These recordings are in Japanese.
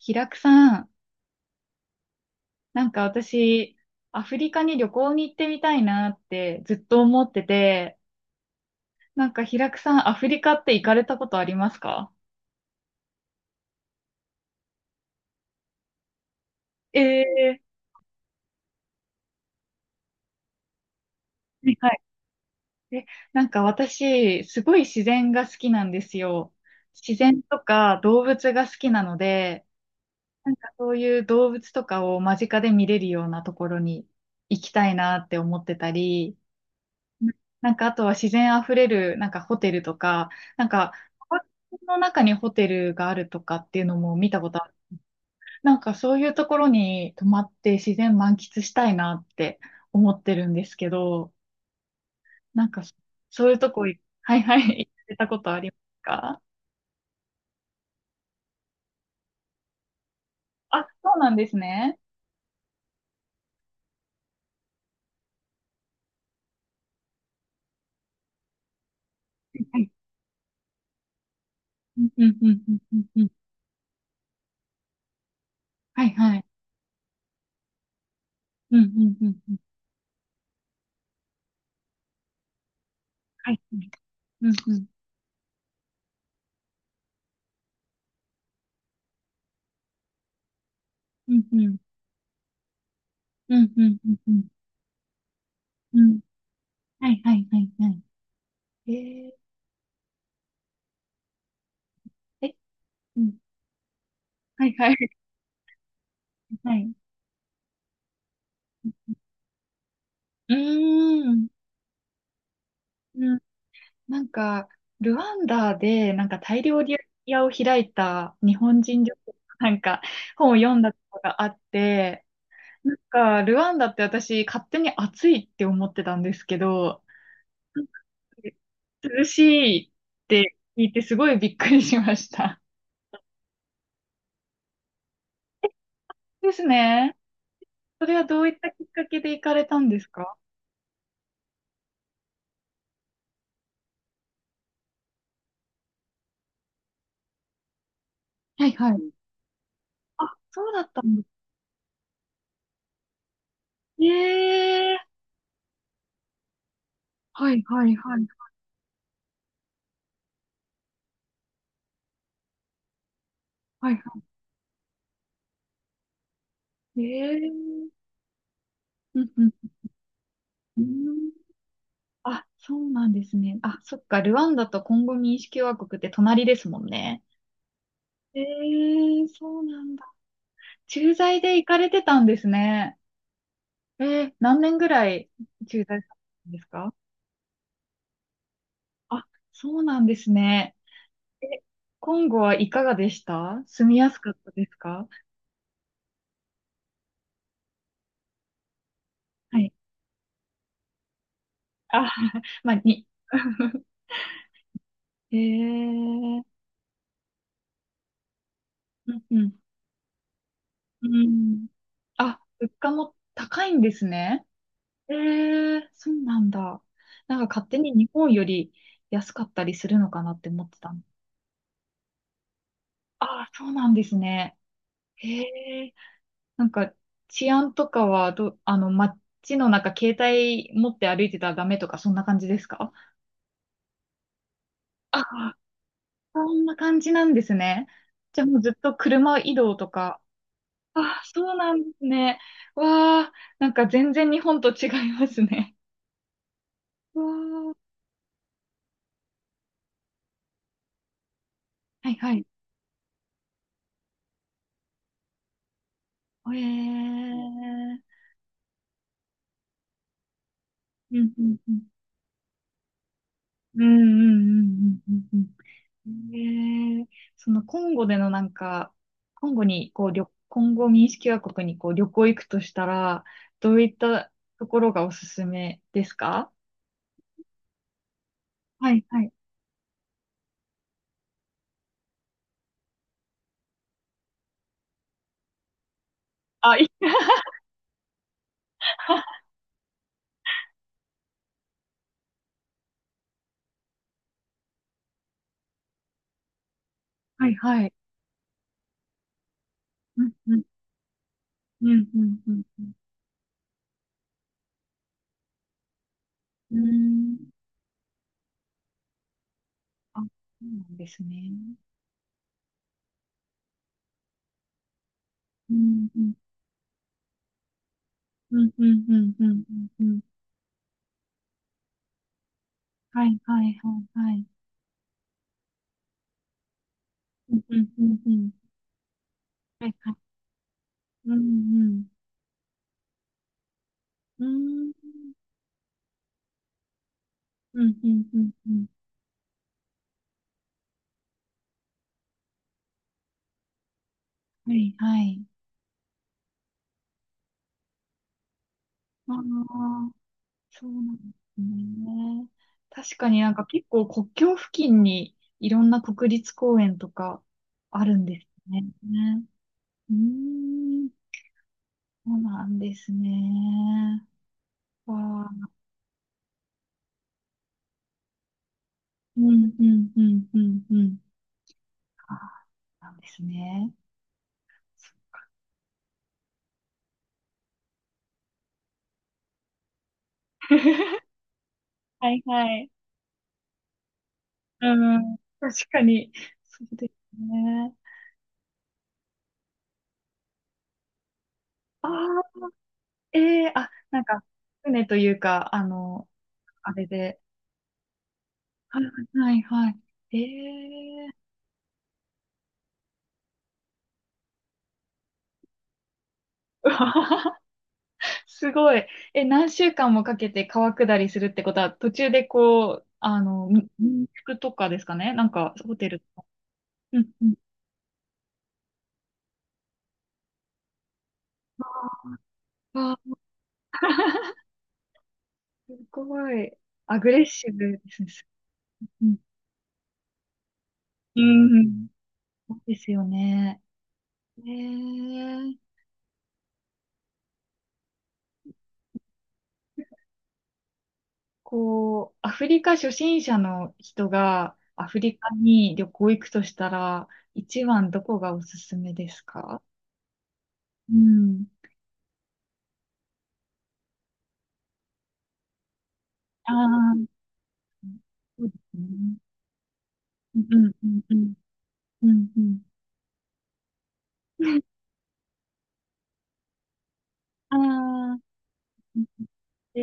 平久さん、なんか私、アフリカに旅行に行ってみたいなってずっと思ってて、なんか平久さん、アフリカって行かれたことありますか？ええ、はい。え、なんか私、すごい自然が好きなんですよ。自然とか動物が好きなので、なんかそういう動物とかを間近で見れるようなところに行きたいなって思ってたり、なんか、あとは自然あふれる、なんかホテルとか、なんか、パの中にホテルがあるとかっていうのも見たことある。なんか、そういうところに泊まって自然満喫したいなって思ってるんですけど、なんか、そういうとこい、はいはい、行ってたことありますか？あ、そうなんですね。はい。うんうんうんうんうんうん。はいはい。うんうんうんうん。はい。うんうんうんうんうんうんうんうんうん。はいはいはいはい。えうん、はいはい。はい。うーん。うん、なんか、ルワンダで、なんかタイ料理屋を開いた日本人女性がなんか、本を読んだことがあって、なんか、ルワンダって私、勝手に暑いって思ってたんですけど、なんか涼しいって聞いて、すごいびっくりしました。ですね。それはどういったきっかけで行かれたんですか？はいはい。あ、そうだったんです。ええ、はいはいはい。はい、ええ、うんうんうん。あ、そうなんですね。あ、そっか、ルワンダとコンゴ民主共和国って隣ですもんね。ええ、そうなんだ。駐在で行かれてたんですね。ええ、何年ぐらい駐在されてたんですか？あ、そうなんですね。え、コンゴはいかがでした？住みやすかったですか？はい。あ、まあ、に、ええ、うんうん。うん。あ、物価も高いんですね。ええ、そうなんだ。なんか勝手に日本より安かったりするのかなって思ってたの。ああ、そうなんですね。へえ。なんか治安とかはど、あの、街の中携帯持って歩いてたらダメとかそんな感じですか？あ、そんな感じなんですね。じゃあもうずっと車移動とか。あ、そうなんですね。わあ、なんか全然日本と違いますね。わあ、はいはい。ええ。うんうんうん。うんうんうんうんうんうん。へえ。そのコンゴでのなんか、コンゴに、こう、コンゴ民主共和国にこう旅行行くとしたら、どういったところがおすすめですか？はいはい。あ、いい、はいはい。うんうんうんうんうんうん。うーん。あ、そうなんですね。うんうんうんうんうんうんうんうん。はいはいはいはい。うんうんうんうん。はいはい。うんうん。うーん。うん、うん、うん、うん。はい、はい。ああ、そうなんですね。確かになんか結構国境付近にいろんな国立公園とかあるんですね。ね。うーん、そうなんですね。わあ、うん、うん、うん、うん、うん。ああ、なんですね。はいはい。うん、確かに。そうですね。ああ、ええ、あ、なんか、船というか、あれで。はいはいはい。ええー。 すごい。え、何週間もかけて川下りするってことは、途中でこう、民宿とかですかね、なんか、ホテルとか。うんうん。ああ、すごい。アグレッシブですね。うんうん、そうですよね。ええ、こう、アフリカ初心者の人がアフリカに旅行行くとしたら、一番どこがおすすめですか？うん。ああ、そうですね。うんうんうんうん。うんうん。ああ、ええ、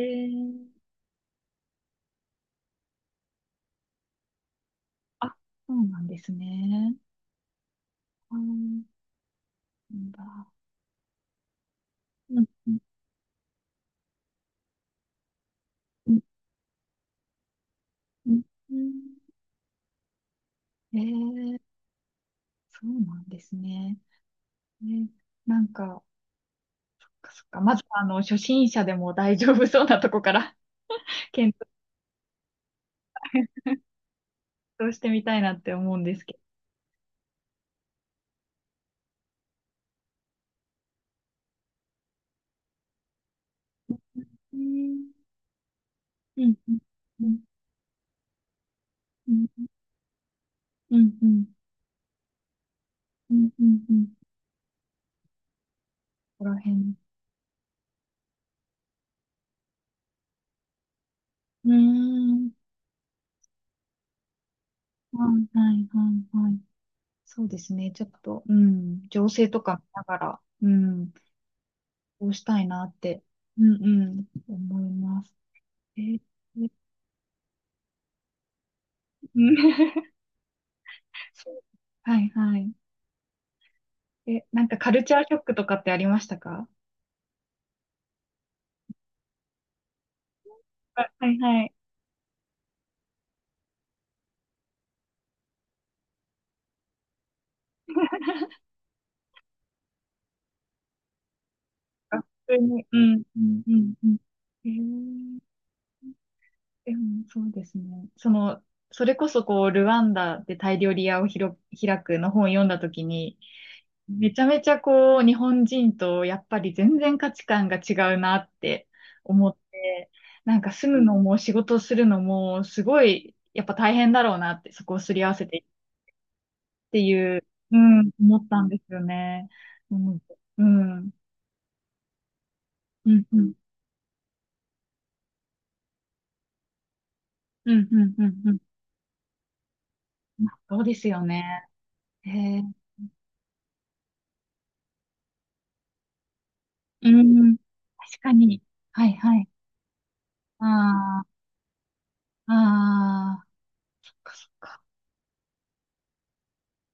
あ、そうなんですね。ああ、なんだ。うんうんうんうんうんうん、ああ、ええ、あ、そうなんですね、なんだ、うんうんうんうんう、そうなんですね。ね、なんか、そっか、まず初心者でも大丈夫そうなとこから検討してみたいなって思うんですけど。うんうんうんうんうんうんうんうんうん。ここ辺、うーん。はいはいはいはい。そうですね。ちょっと、うん。情勢とか見ながら、うん。こうしたいなって、うんうん。思います。えー、うん、 そう、はいはい。え、なんかカルチャーショックとかってありましたか？あ、はいはい。あ、普通に、うん、うん、うん、うん。えー、でもそうですね。それこそこう、ルワンダで大量リ屋を開くの本を読んだときに、めちゃめちゃこう、日本人とやっぱり全然価値観が違うなって思って、なんか住むのも仕事するのもすごいやっぱ大変だろうなって、そこをすり合わせてっていう、うん、思ったんですよね。うん、うん、うん、うん、うん、うん、うん、うん。まあそうですよね。へえ、うん、確かに。はい、はい。ああ、ああ、そっかそっか